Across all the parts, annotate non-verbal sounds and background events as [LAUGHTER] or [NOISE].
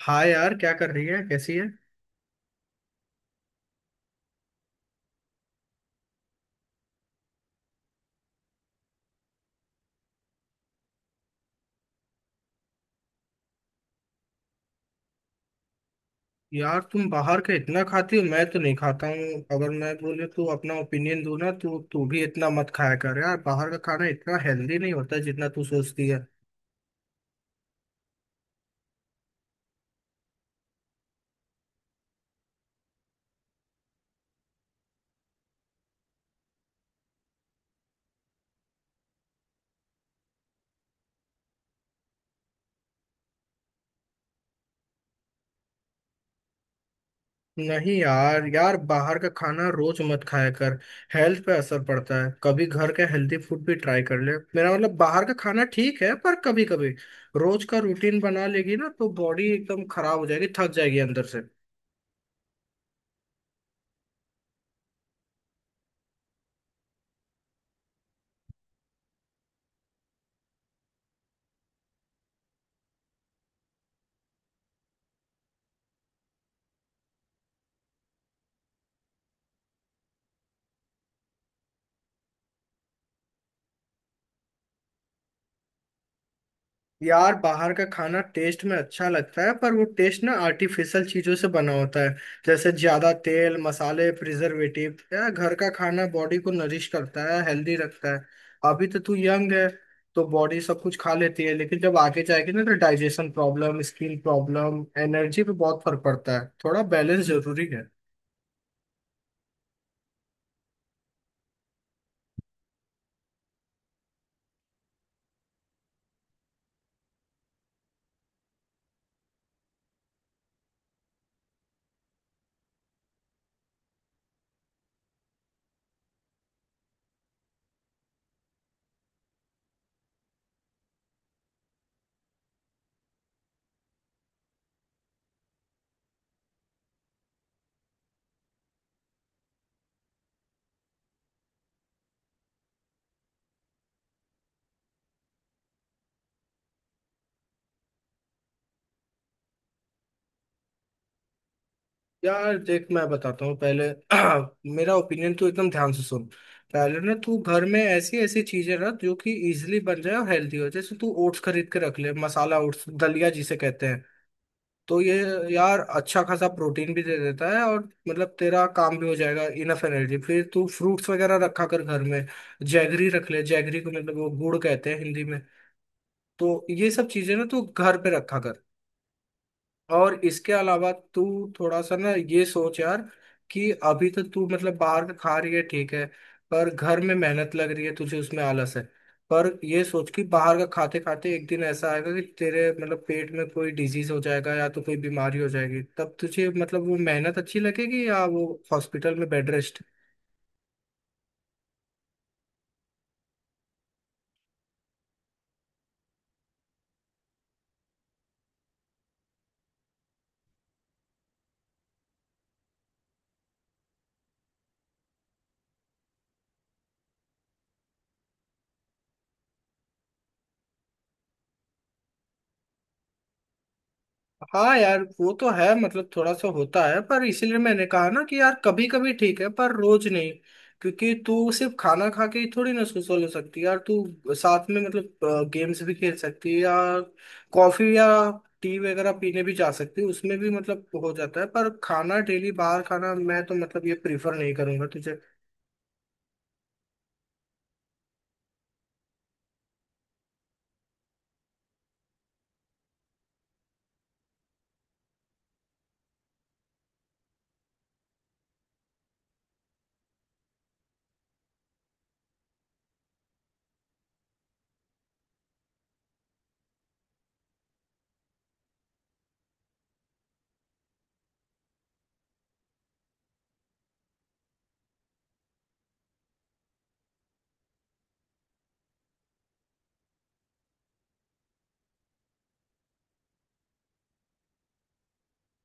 हाँ यार, क्या कर रही है? कैसी है? यार, तुम बाहर का इतना खाती हो, मैं तो नहीं खाता हूँ। अगर मैं बोले तो अपना ओपिनियन दूँ ना, तो तू भी इतना मत खाया कर यार। बाहर का खाना इतना हेल्दी नहीं होता जितना तू सोचती है। नहीं यार यार बाहर का खाना रोज मत खाया कर। हेल्थ पे असर पड़ता है। कभी घर का हेल्दी फूड भी ट्राई कर ले। मेरा मतलब, बाहर का खाना ठीक है पर कभी कभी। रोज का रूटीन बना लेगी ना तो बॉडी एकदम खराब हो जाएगी, थक जाएगी अंदर से। यार, बाहर का खाना टेस्ट में अच्छा लगता है, पर वो टेस्ट ना आर्टिफिशियल चीजों से बना होता है। जैसे ज्यादा तेल, मसाले, प्रिजर्वेटिव। यार, घर का खाना बॉडी को नरिश करता है, हेल्दी रखता है। अभी तो तू यंग है, तो बॉडी सब कुछ खा लेती है। लेकिन जब आगे जाएगी ना, तो digestion problem, skin problem, energy पे बहुत फर्क पड़ता है। थोड़ा बैलेंस जरूरी है। यार देख, मैं बताता हूँ पहले [CLEARS THROAT] मेरा ओपिनियन, तू एकदम ध्यान से सुन। पहले ना, तू घर में ऐसी ऐसी चीजें रख जो कि इजीली बन जाए और हेल्दी हो। जैसे तू ओट्स खरीद के रख ले, मसाला ओट्स, दलिया जिसे कहते हैं। तो ये यार अच्छा खासा प्रोटीन भी दे देता है, और मतलब तेरा काम भी हो जाएगा, इनफ एनर्जी। फिर तू फ्रूट्स वगैरह रखा कर घर में। जैगरी रख ले। जैगरी को मतलब वो गुड़ कहते हैं हिंदी में। तो ये सब चीजें ना तू घर पे रखा कर। और इसके अलावा तू थोड़ा सा ना ये सोच यार, कि अभी तो तू मतलब बाहर का खा रही है, ठीक है। पर घर में मेहनत लग रही है तुझे, उसमें आलस है। पर ये सोच कि बाहर का खाते खाते एक दिन ऐसा आएगा कि तेरे मतलब पेट में कोई डिजीज हो जाएगा, या तो कोई बीमारी हो जाएगी। तब तुझे मतलब वो मेहनत अच्छी लगेगी या वो हॉस्पिटल में बेड रेस्ट। हाँ यार, वो तो है, मतलब थोड़ा सा होता है। पर इसीलिए मैंने कहा ना कि यार, कभी कभी ठीक है पर रोज नहीं। क्योंकि तू सिर्फ खाना खा के ही थोड़ी ना सुसो हो सकती है यार। तू साथ में मतलब गेम्स भी खेल सकती है, या कॉफी, या टी वगैरह पीने भी जा सकती है, उसमें भी मतलब हो जाता है। पर खाना डेली, बाहर खाना मैं तो मतलब ये प्रीफर नहीं करूंगा तुझे।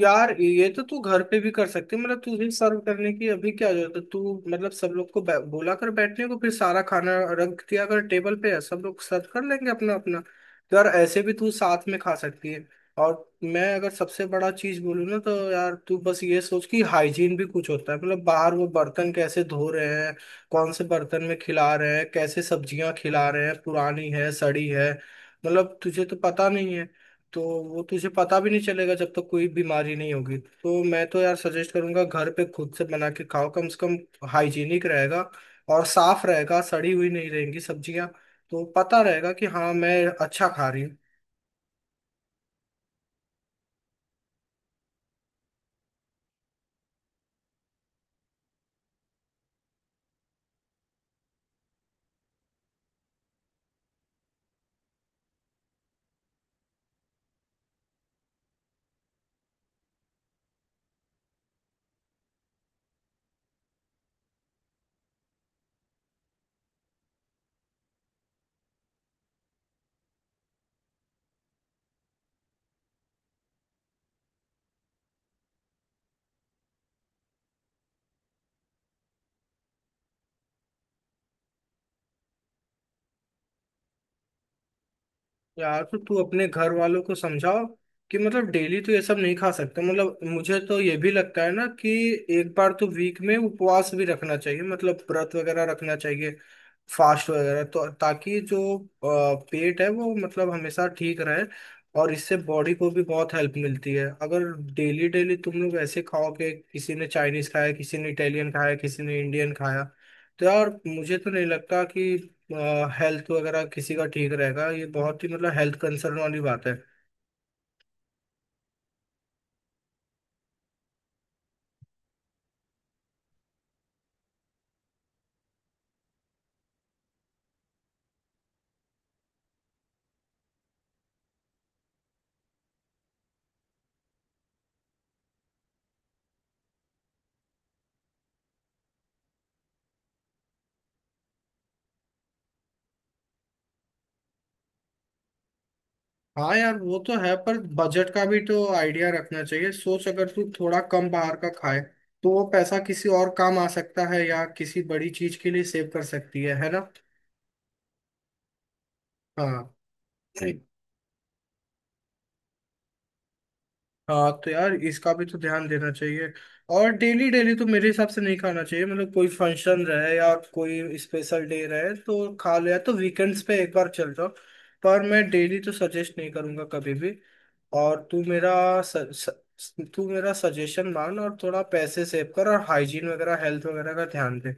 यार, ये तो तू घर पे भी कर सकती है। मतलब तुझे सर्व करने की अभी क्या जरूरत है? तू मतलब सब लोग को बोला कर बैठने को, फिर सारा खाना रख दिया कर टेबल पे, सब लोग सर्व कर लेंगे अपना अपना। तो यार, ऐसे भी तू साथ में खा सकती है। और मैं अगर सबसे बड़ा चीज बोलूँ ना, तो यार, तू बस ये सोच कि हाइजीन भी कुछ होता है। मतलब बाहर वो बर्तन कैसे धो रहे हैं? कौन से बर्तन में खिला रहे हैं? कैसे सब्जियां खिला रहे हैं? पुरानी है, सड़ी है। मतलब तुझे तो पता नहीं है। तो वो तुझे पता भी नहीं चलेगा जब तक कोई बीमारी नहीं होगी। तो मैं तो यार सजेस्ट करूंगा, घर पे खुद से बना के खाओ। कम से कम हाइजीनिक रहेगा, और साफ रहेगा, सड़ी हुई नहीं रहेंगी सब्जियां। तो पता रहेगा कि हाँ, मैं अच्छा खा रही हूँ। यार तो तू अपने घर वालों को समझाओ कि मतलब डेली तो ये सब नहीं खा सकते। मतलब मुझे तो ये भी लगता है ना कि एक बार तो वीक में उपवास भी रखना चाहिए, मतलब व्रत वगैरह रखना चाहिए, फास्ट वगैरह। तो ताकि जो पेट है वो मतलब हमेशा ठीक रहे। और इससे बॉडी को भी बहुत हेल्प मिलती है। अगर डेली डेली तुम लोग ऐसे खाओ कि किसी ने चाइनीज खाया, किसी ने इटालियन खाया, किसी ने इंडियन खाया, तो यार मुझे तो नहीं लगता कि हेल्थ वगैरह किसी का ठीक रहेगा। ये बहुत ही मतलब हेल्थ कंसर्न वाली बात है। हाँ यार, वो तो है, पर बजट का भी तो आइडिया रखना चाहिए। सोच, अगर तू थोड़ा कम बाहर का खाए तो वो पैसा किसी और काम आ सकता है, या किसी बड़ी चीज के लिए सेव कर सकती है ना? हाँ। हाँ, तो यार इसका भी तो ध्यान देना चाहिए। और डेली डेली तो मेरे हिसाब से नहीं खाना चाहिए। मतलब कोई फंक्शन रहे या कोई स्पेशल डे रहे तो खा लिया, तो वीकेंड्स पे एक बार चल जाओ। पर मैं डेली तो सजेस्ट नहीं करूँगा कभी भी। और स, स, तू मेरा सजेशन मान, और थोड़ा पैसे सेव कर, और हाइजीन वगैरह हेल्थ वगैरह का ध्यान दे।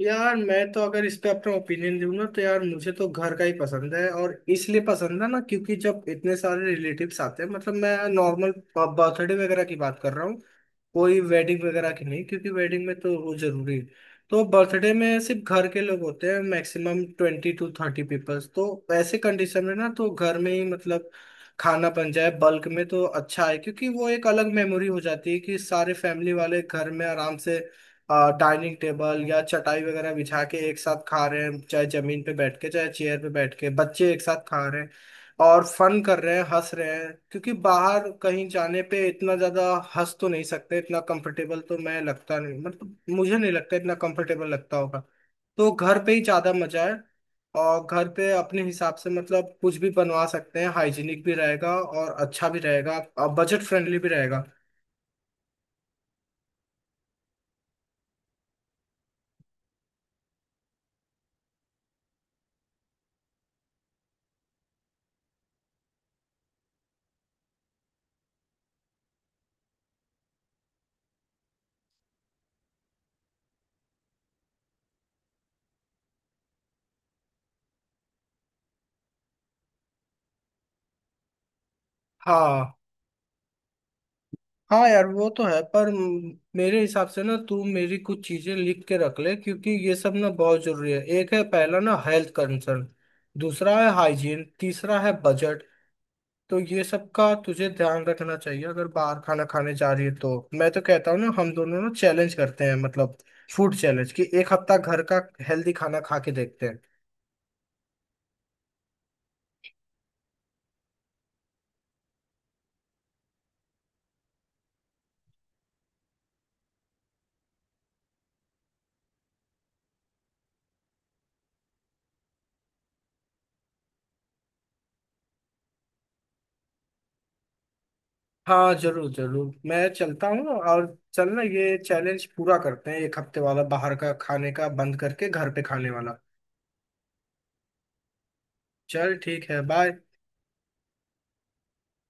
यार मैं तो अगर इस पे अपना ओपिनियन दूं ना, तो यार मुझे तो घर का ही पसंद है, और इसलिए पसंद है ना क्योंकि जब इतने सारे रिलेटिव्स आते हैं। मतलब मैं नॉर्मल बर्थडे वगैरह की बात कर रहा हूँ, कोई वेडिंग वगैरह की नहीं, क्योंकि वेडिंग में तो वो जरूरी है। तो बर्थडे में सिर्फ घर के लोग होते हैं, मैक्सिमम 20-30 पीपल्स, तो ऐसे कंडीशन में ना, तो घर में ही मतलब खाना बन जाए बल्क में तो अच्छा है। क्योंकि वो एक अलग मेमोरी हो जाती है कि सारे फैमिली वाले घर में आराम से डाइनिंग टेबल या चटाई वगैरह बिछा के एक साथ खा रहे हैं, चाहे जमीन पे बैठ के, चाहे चेयर पे बैठ के, बच्चे एक साथ खा रहे हैं, और फन कर रहे हैं, हंस रहे हैं। क्योंकि बाहर कहीं जाने पे इतना ज्यादा हंस तो नहीं सकते, इतना कंफर्टेबल तो मैं लगता नहीं, मतलब मुझे नहीं लगता इतना कंफर्टेबल लगता होगा। तो घर पे ही ज्यादा मजा है। और घर पे अपने हिसाब से मतलब कुछ भी बनवा सकते हैं, हाइजीनिक भी रहेगा, और अच्छा भी रहेगा, और बजट फ्रेंडली भी रहेगा। हाँ हाँ यार, वो तो है। पर मेरे हिसाब से ना तू मेरी कुछ चीजें लिख के रख ले, क्योंकि ये सब ना बहुत जरूरी है। एक है पहला ना हेल्थ कंसर्न, दूसरा है हाइजीन, तीसरा है बजट। तो ये सब का तुझे ध्यान रखना चाहिए अगर बाहर खाना खाने जा रही है। तो मैं तो कहता हूँ ना, हम दोनों ना चैलेंज करते हैं, मतलब फूड चैलेंज, कि एक हफ्ता घर का हेल्दी खाना खा के देखते हैं। हाँ, जरूर जरूर, मैं चलता हूँ। और चल ना, ये चैलेंज पूरा करते हैं एक हफ्ते वाला, बाहर का खाने का बंद करके घर पे खाने वाला। चल, ठीक है, बाय।